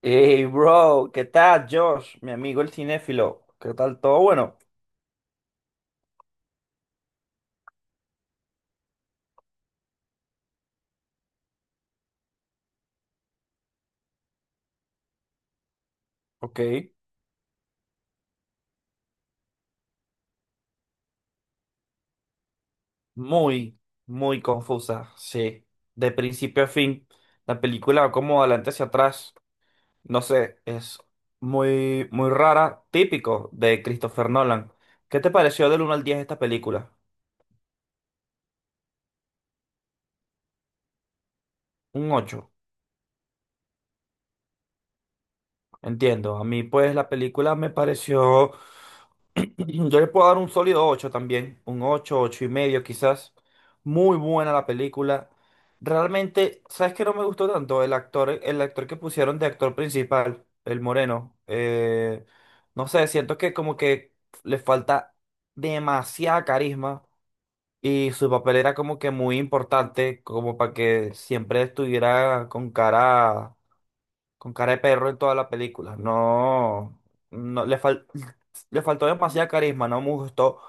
Hey, bro, ¿qué tal, Josh? Mi amigo el cinéfilo. ¿Qué tal todo? Bueno, ok, muy, muy confusa, sí. De principio a fin, la película va como adelante hacia atrás. No sé, es muy, muy rara, típico de Christopher Nolan. ¿Qué te pareció del uno al 10 esta película? Un 8. Entiendo. A mí, pues, la película me pareció. Yo le puedo dar un sólido 8 también. Un 8 8 y medio, quizás. Muy buena la película. Realmente, ¿sabes qué no me gustó tanto? El actor que pusieron de actor principal, el moreno. No sé, siento que como que le falta demasiada carisma. Y su papel era como que muy importante, como para que siempre estuviera con cara. Con cara de perro en toda la película. No, no le fal- le faltó demasiado carisma, no me gustó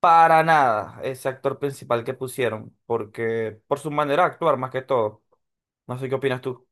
para nada ese actor principal que pusieron, porque por su manera de actuar más que todo. No sé qué opinas tú.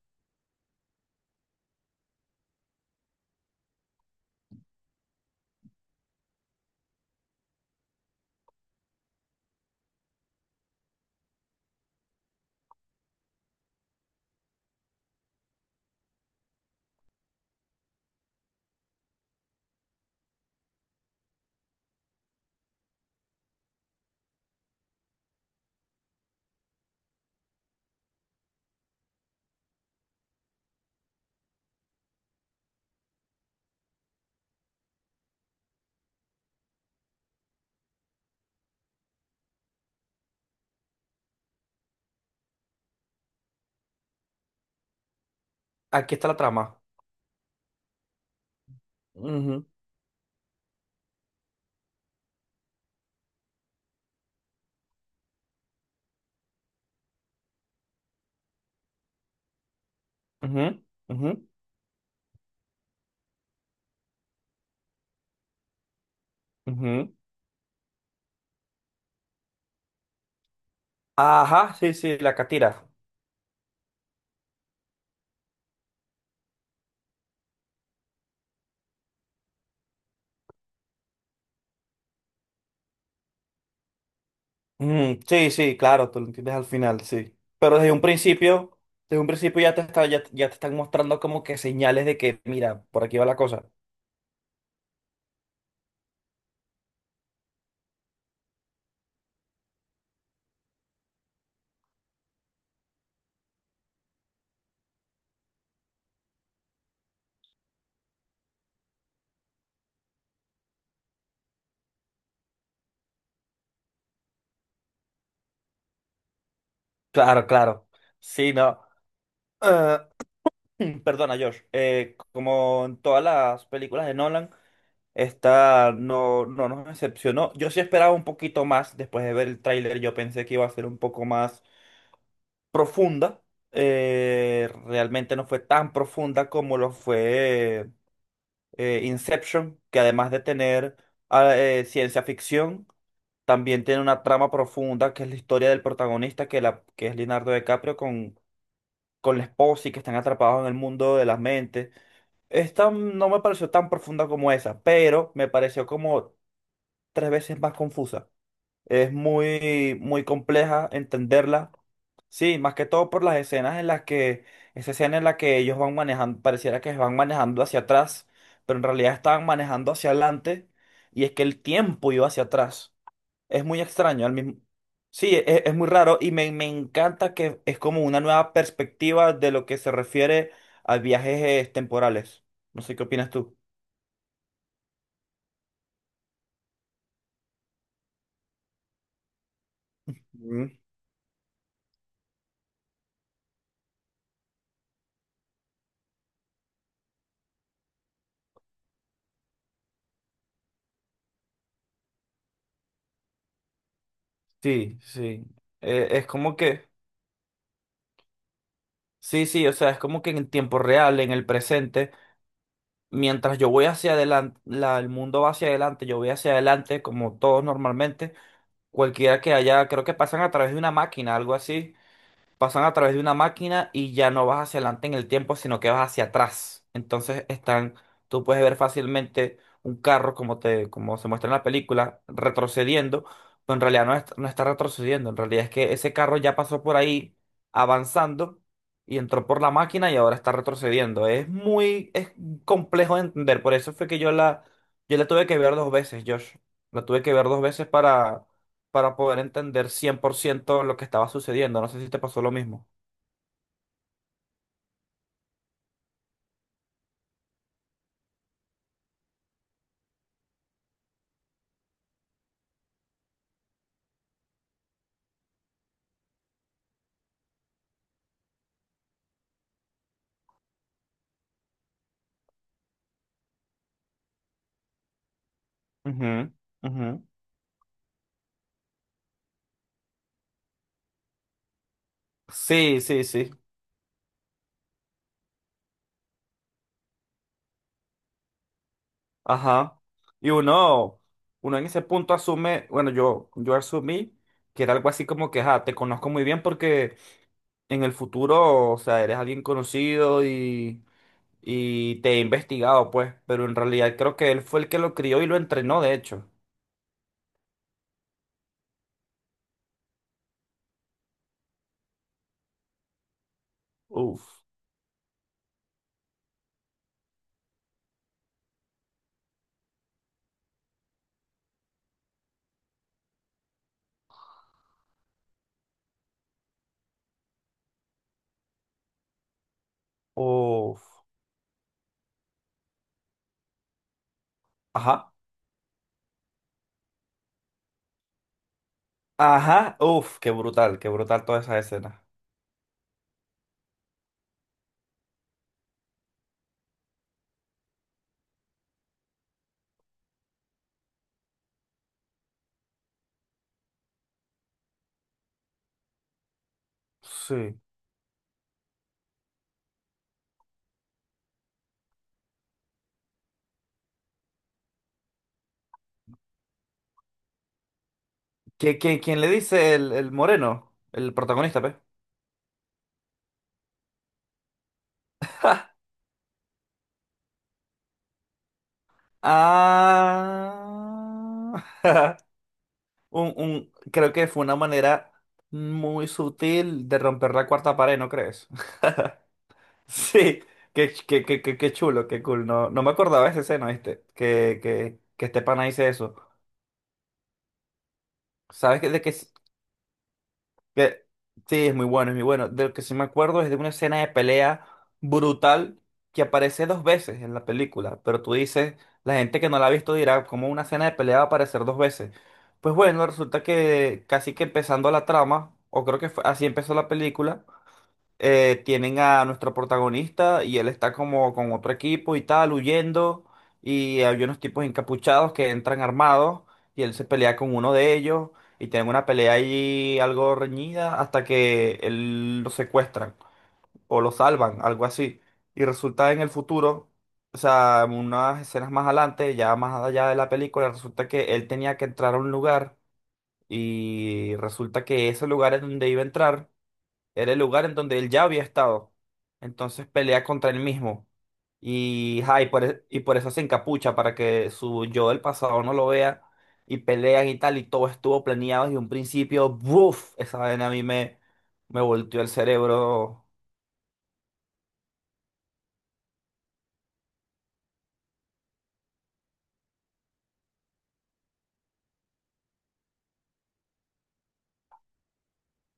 Aquí está la trama. Ujú, ujú, ujú, ujú. Ajá, sí, sí, la catira. Ujú, sí, sí, claro, tú lo entiendes al final, sí. Pero desde un principio ya te están mostrando como que señales de que, mira, por aquí va la cosa. Claro, claro. Sí, no. Eh, Perdona, Josh. Como en todas las películas de Nolan, esta no nos decepcionó. Yo sí esperaba un poquito más después de ver el tráiler. Yo pensé que iba a ser un poco más profunda. Realmente no fue tan profunda como lo fue Inception, que además de tener ciencia ficción, también tiene una trama profunda que es la historia del protagonista, que es Leonardo DiCaprio con la esposa y que están atrapados en el mundo de las mentes. Esta no me pareció tan profunda como esa, pero me pareció como tres veces más confusa. Es muy, muy compleja entenderla. Sí, más que todo por las escenas en las que, esa escena en la que ellos van manejando, pareciera que van manejando hacia atrás, pero en realidad estaban manejando hacia adelante y es que el tiempo iba hacia atrás. Es muy extraño, al mismo. Sí, es muy raro y me encanta que es como una nueva perspectiva de lo que se refiere a viajes temporales. No sé qué opinas tú. Mm. Sí, sí. Es como que, sí, sí, o sea, es como que en tiempo real, en el presente, mientras yo voy hacia adelante, el mundo va hacia adelante, yo voy hacia adelante, como todos normalmente, cualquiera que haya, creo que pasan a través de una máquina, algo así. Pasan a través de una máquina y ya no vas hacia adelante en el tiempo, sino que vas hacia atrás. Entonces están, tú puedes ver fácilmente un carro, como te, como se muestra en la película, retrocediendo, pero en realidad no está retrocediendo, en realidad es que ese carro ya pasó por ahí avanzando y entró por la máquina y ahora está retrocediendo. Es complejo de entender, por eso fue que yo la tuve que ver dos veces, Josh. La tuve que ver dos veces para poder entender 100% lo que estaba sucediendo. No sé si te pasó lo mismo. Ujú, ujú. Sí, sí, sí. Ajá. Y uno en ese punto asume, bueno, yo asumí que era algo así como que, ah, te conozco muy bien porque en el futuro, o sea, eres alguien conocido y te he investigado, pues, pero en realidad creo que él fue el que lo crió y lo entrenó, de hecho. Uf, uf. Ajá. Ajá, uf, qué brutal toda esa escena. Sí. ¿Quién le dice el moreno? El protagonista, pe. Ah. Creo que fue una manera muy sutil de romper la cuarta pared, ¿no crees? Sí, qué, ch- qué, qué, qué, qué chulo, qué cool. No, no me acordaba de esa escena, ¿viste? Que este pana dice eso. ¿Sabes de qué? Que, sí, es muy bueno, es muy bueno. De lo que sí me acuerdo es de una escena de pelea brutal que aparece dos veces en la película, pero tú dices, la gente que no la ha visto dirá, ¿cómo una escena de pelea va a aparecer dos veces? Pues bueno, resulta que casi que empezando la trama, o creo que así empezó la película, tienen a nuestro protagonista y él está como con otro equipo y tal, huyendo. Y hay unos tipos encapuchados que entran armados y él se pelea con uno de ellos y tienen una pelea ahí algo reñida hasta que él lo secuestran o lo salvan, algo así. Y resulta en el futuro, o sea, en unas escenas más adelante, ya más allá de la película, resulta que él tenía que entrar a un lugar y resulta que ese lugar es donde iba a entrar era el lugar en donde él ya había estado. Entonces pelea contra él mismo. Y, ajá, y por eso se encapucha, para que su yo del pasado no lo vea. Y pelean y tal, y todo estuvo planeado desde un principio. ¡Buf! Esa vaina a mí me volteó el cerebro.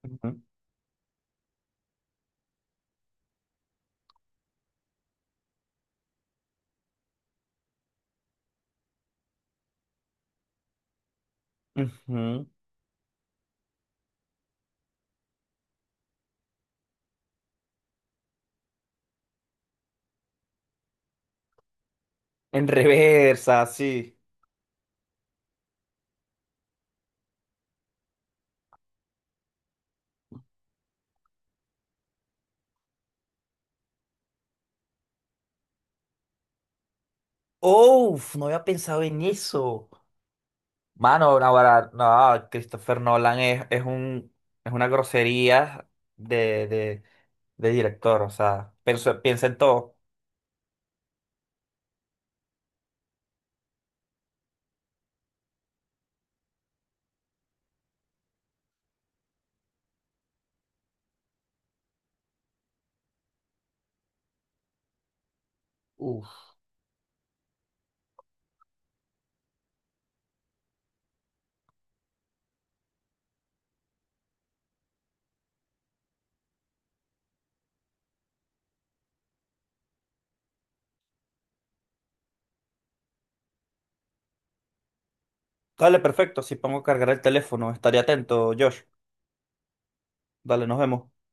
Ujú, ujú. En reversa, sí. ¡Uf! No había pensado en eso. Mano, no, no, Christopher Nolan es una grosería de de director, o sea, piensa, piensa en todo. Uf. Dale, perfecto, si pongo a cargar el teléfono, estaré atento, Josh. Dale, nos vemos.